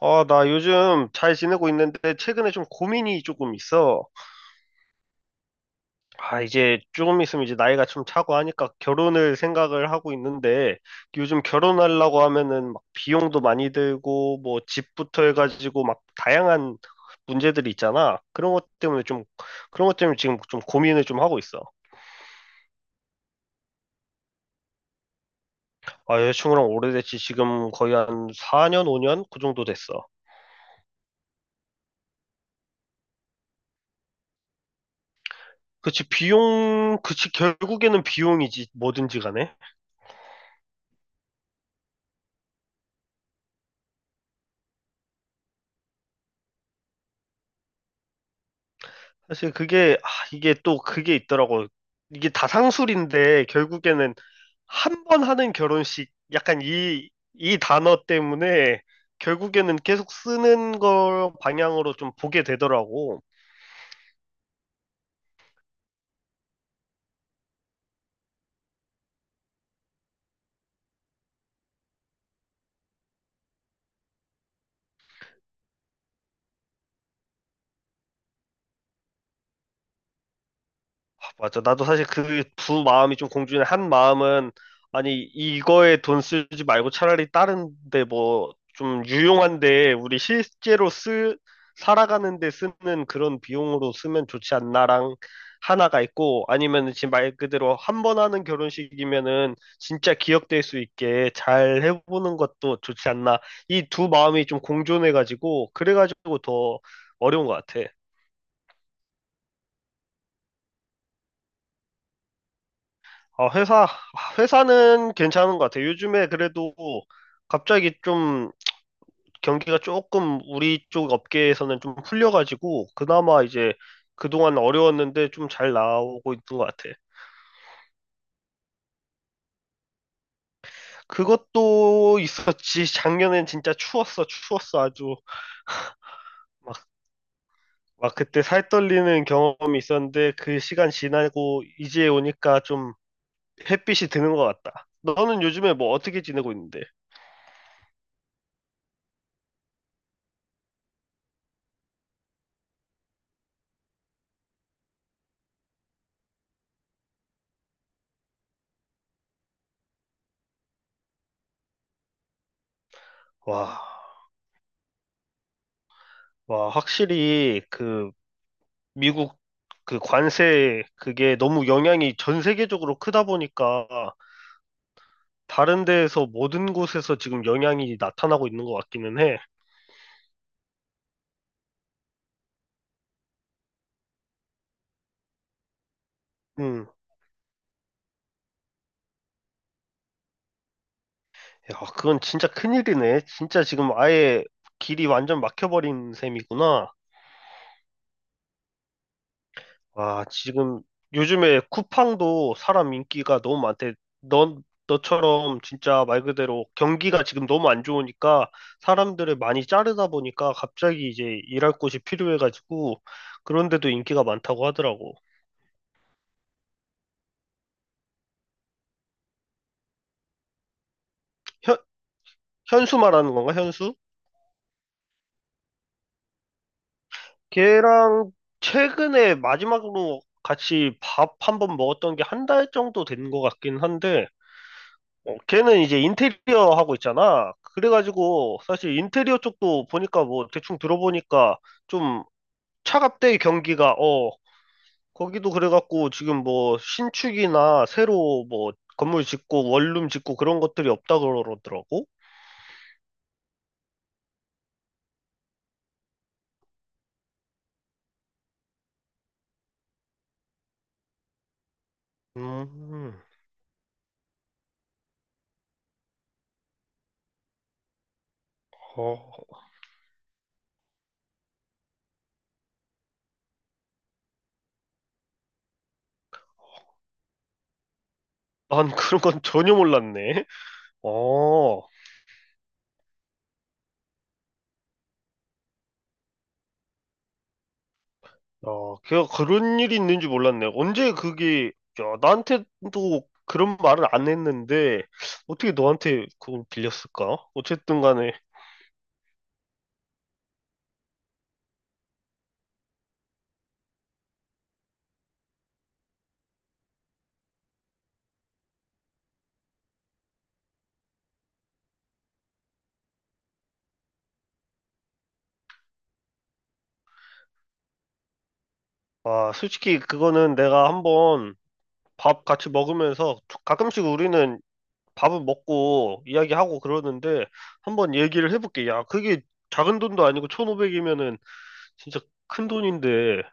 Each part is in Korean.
아, 나 요즘 잘 지내고 있는데 최근에 좀 고민이 조금 있어. 아, 이제 조금 있으면 이제 나이가 좀 차고 하니까 결혼을 생각을 하고 있는데 요즘 결혼하려고 하면은 막 비용도 많이 들고 뭐 집부터 해가지고 막 다양한 문제들이 있잖아. 그런 것 때문에 지금 좀 고민을 좀 하고 있어. 아, 여자친구랑 오래됐지 지금 거의 한 4년, 5년 그 정도 됐어. 그치, 비용, 그치, 결국에는 비용이지, 뭐든지 간에. 사실 그게, 아, 이게 또 그게 있더라고. 이게 다상술인데, 결국에는 한 번 하는 결혼식, 약간 이 단어 때문에 결국에는 계속 쓰는 걸 방향으로 좀 보게 되더라고. 맞아. 나도 사실 그 두 마음이 좀 공존해. 한 마음은, 아니, 이거에 돈 쓰지 말고 차라리 다른데 뭐, 좀 유용한데, 우리 실제로 살아가는데 쓰는 그런 비용으로 쓰면 좋지 않나랑 하나가 있고, 아니면 지금 말 그대로 한 번 하는 결혼식이면은 진짜 기억될 수 있게 잘 해보는 것도 좋지 않나. 이 두 마음이 좀 공존해가지고, 그래가지고 더 어려운 것 같아. 아, 회사는 괜찮은 것 같아요. 요즘에 그래도 갑자기 좀 경기가 조금 우리 쪽 업계에서는 좀 풀려가지고, 그나마 이제 그동안 어려웠는데 좀 잘 나오고 있는 것 같아. 그것도 있었지. 작년엔 진짜 추웠어, 추웠어. 아주 막, 막 그때 살 떨리는 경험이 있었는데, 그 시간 지나고 이제 오니까 좀 햇빛이 드는 것 같다. 너는 요즘에 뭐 어떻게 지내고 있는데? 와. 와, 확실히 그 미국 그 관세 그게 너무 영향이 전 세계적으로 크다 보니까 다른 데에서 모든 곳에서 지금 영향이 나타나고 있는 것 같기는 해. 음. 야, 그건 진짜 큰일이네. 진짜 지금 아예 길이 완전 막혀버린 셈이구나. 아, 지금 요즘에 쿠팡도 사람 인기가 너무 많대. 너처럼 진짜 말 그대로 경기가 지금 너무 안 좋으니까 사람들을 많이 자르다 보니까 갑자기 이제 일할 곳이 필요해가지고 그런데도 인기가 많다고 하더라고. 현, 현수 말하는 건가, 현수? 걔랑 최근에 마지막으로 같이 밥 한번 먹었던 게 한 달 정도 된 것 같긴 한데 걔는 이제 인테리어 하고 있잖아. 그래가지고 사실 인테리어 쪽도 보니까 뭐 대충 들어보니까 좀 차갑대 경기가 거기도 그래갖고 지금 뭐 신축이나 새로 뭐 건물 짓고 원룸 짓고 그런 것들이 없다 그러더라고. 음, 어, 난 그런 건 전혀 몰랐네. 어. 어, 걔가 그런 일이 있는지 몰랐네. 언제 그게, 야, 나한테도 그런 말을 안 했는데, 어떻게 너한테 그걸 빌렸을까? 어쨌든 간에, 아, 솔직히 그거는 내가 한번 밥 같이 먹으면서, 가끔씩 우리는 밥을 먹고 이야기하고 그러는데, 한번 얘기를 해볼게. 야, 그게 작은 돈도 아니고 1,500이면은 진짜 큰 돈인데,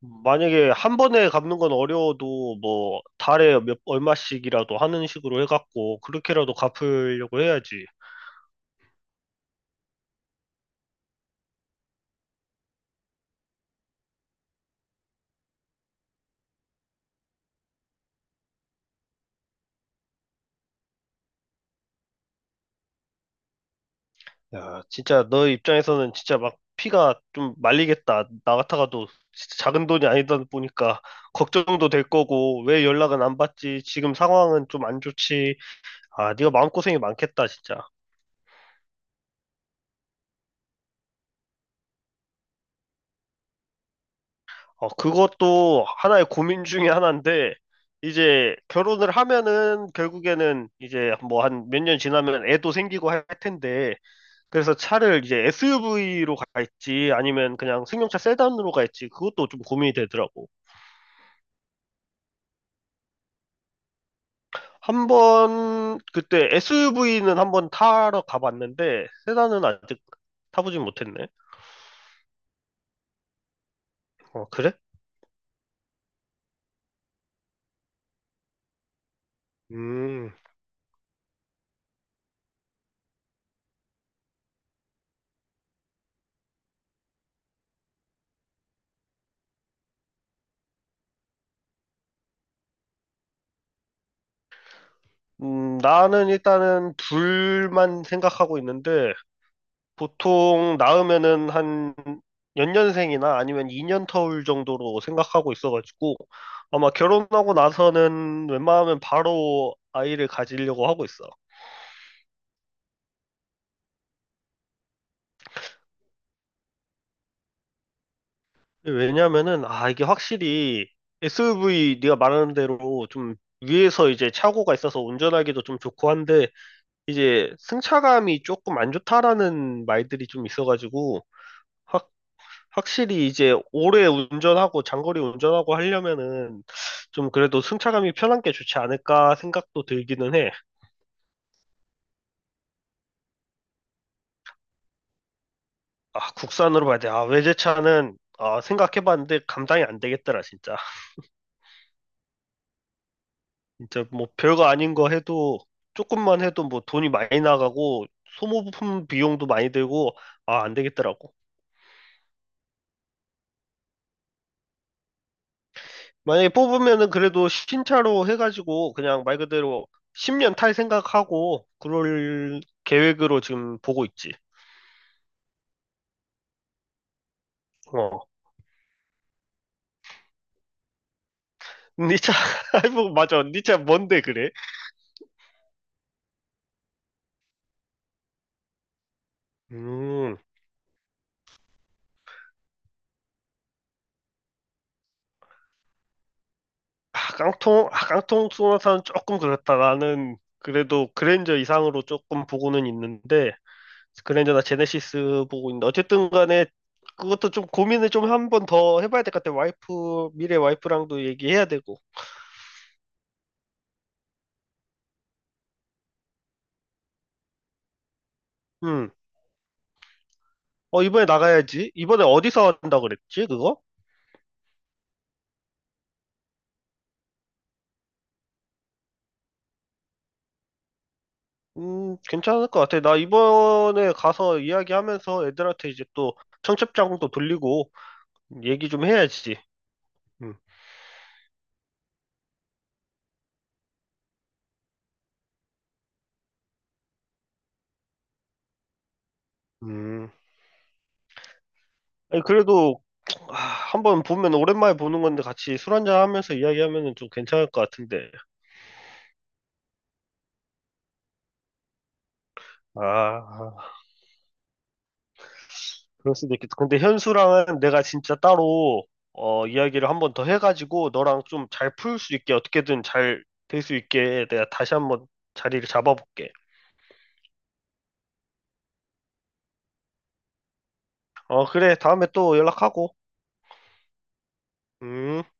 만약에 한 번에 갚는 건 어려워도 뭐 달에 몇 얼마씩이라도 하는 식으로 해갖고 그렇게라도 갚으려고 해야지. 야, 진짜 너 입장에서는 진짜 막 피가 좀 말리겠다. 나 같아가도 진짜 작은 돈이 아니다 보니까 걱정도 될 거고 왜 연락은 안 받지? 지금 상황은 좀 안 좋지. 아, 네가 마음고생이 많겠다, 진짜. 어, 그것도 하나의 고민 중에 하나인데, 이제 결혼을 하면은 결국에는 이제 뭐 한 몇 년 지나면 애도 생기고 할 텐데, 그래서 차를 이제 SUV로 갈지 아니면 그냥 승용차 세단으로 갈지 그것도 좀 고민이 되더라고. 한 번 그때 SUV는 한 번 타러 가봤는데, 세단은 아직 타보진 못했네. 어, 그래? 음, 나는 일단은 둘만 생각하고 있는데, 보통 낳으면은 한 연년생이나 아니면 2년 터울 정도로 생각하고 있어가지고 아마 결혼하고 나서는 웬만하면 바로 아이를 가지려고 하고 있어. 왜냐면은 이게 확실히 SUV 네가 말하는 대로 좀 위에서 이제 차고가 있어서 운전하기도 좀 좋고 한데 이제 승차감이 조금 안 좋다라는 말들이 좀 있어가지고 확실히 이제 오래 운전하고 장거리 운전하고 하려면은 좀 그래도 승차감이 편한 게 좋지 않을까 생각도 들기는 해. 아, 국산으로 봐야 돼. 아, 외제차는 생각해봤는데 감당이 안 되겠더라, 진짜. 진짜 뭐 별거 아닌 거 해도 조금만 해도 뭐 돈이 많이 나가고 소모품 비용도 많이 들고 아, 안 되겠더라고. 만약에 뽑으면은 그래도 신차로 해가지고 그냥 말 그대로 10년 탈 생각하고 그럴 계획으로 지금 보고 있지. 어. 니차, 아이고, 맞아. 니차 뭔데 그래? 음, 아, 깡통 소나타는 조금 그렇다. 나는 그래도 그랜저 이상으로 조금 보고는 있는데, 그랜저나 제네시스 보고 있는데, 어쨌든 간에 그것도 좀 고민을 좀 한 번 더 해봐야 될 것 같아. 미래 와이프랑도 얘기해야 되고. 음, 어, 이번에 나가야지. 이번에 어디서 한다 그랬지, 그거? 괜찮을 것 같아. 나 이번에 가서 이야기하면서 애들한테 이제 또 청첩장도 돌리고 얘기 좀 해야지. 음. 음. 아니, 그래도 아, 한번 보면 오랜만에 보는 건데 같이 술 한잔 하면서 이야기하면은 좀 괜찮을 것 같은데. 아, 아, 그럴 수도 있겠다. 근데 현수랑은 내가 진짜 따로 이야기를 한번 더 해가지고 너랑 좀 잘 풀 수 있게 어떻게든 잘 될 수 있게 내가 다시 한번 자리를 잡아볼게. 어, 그래. 다음에 또 연락하고. 음.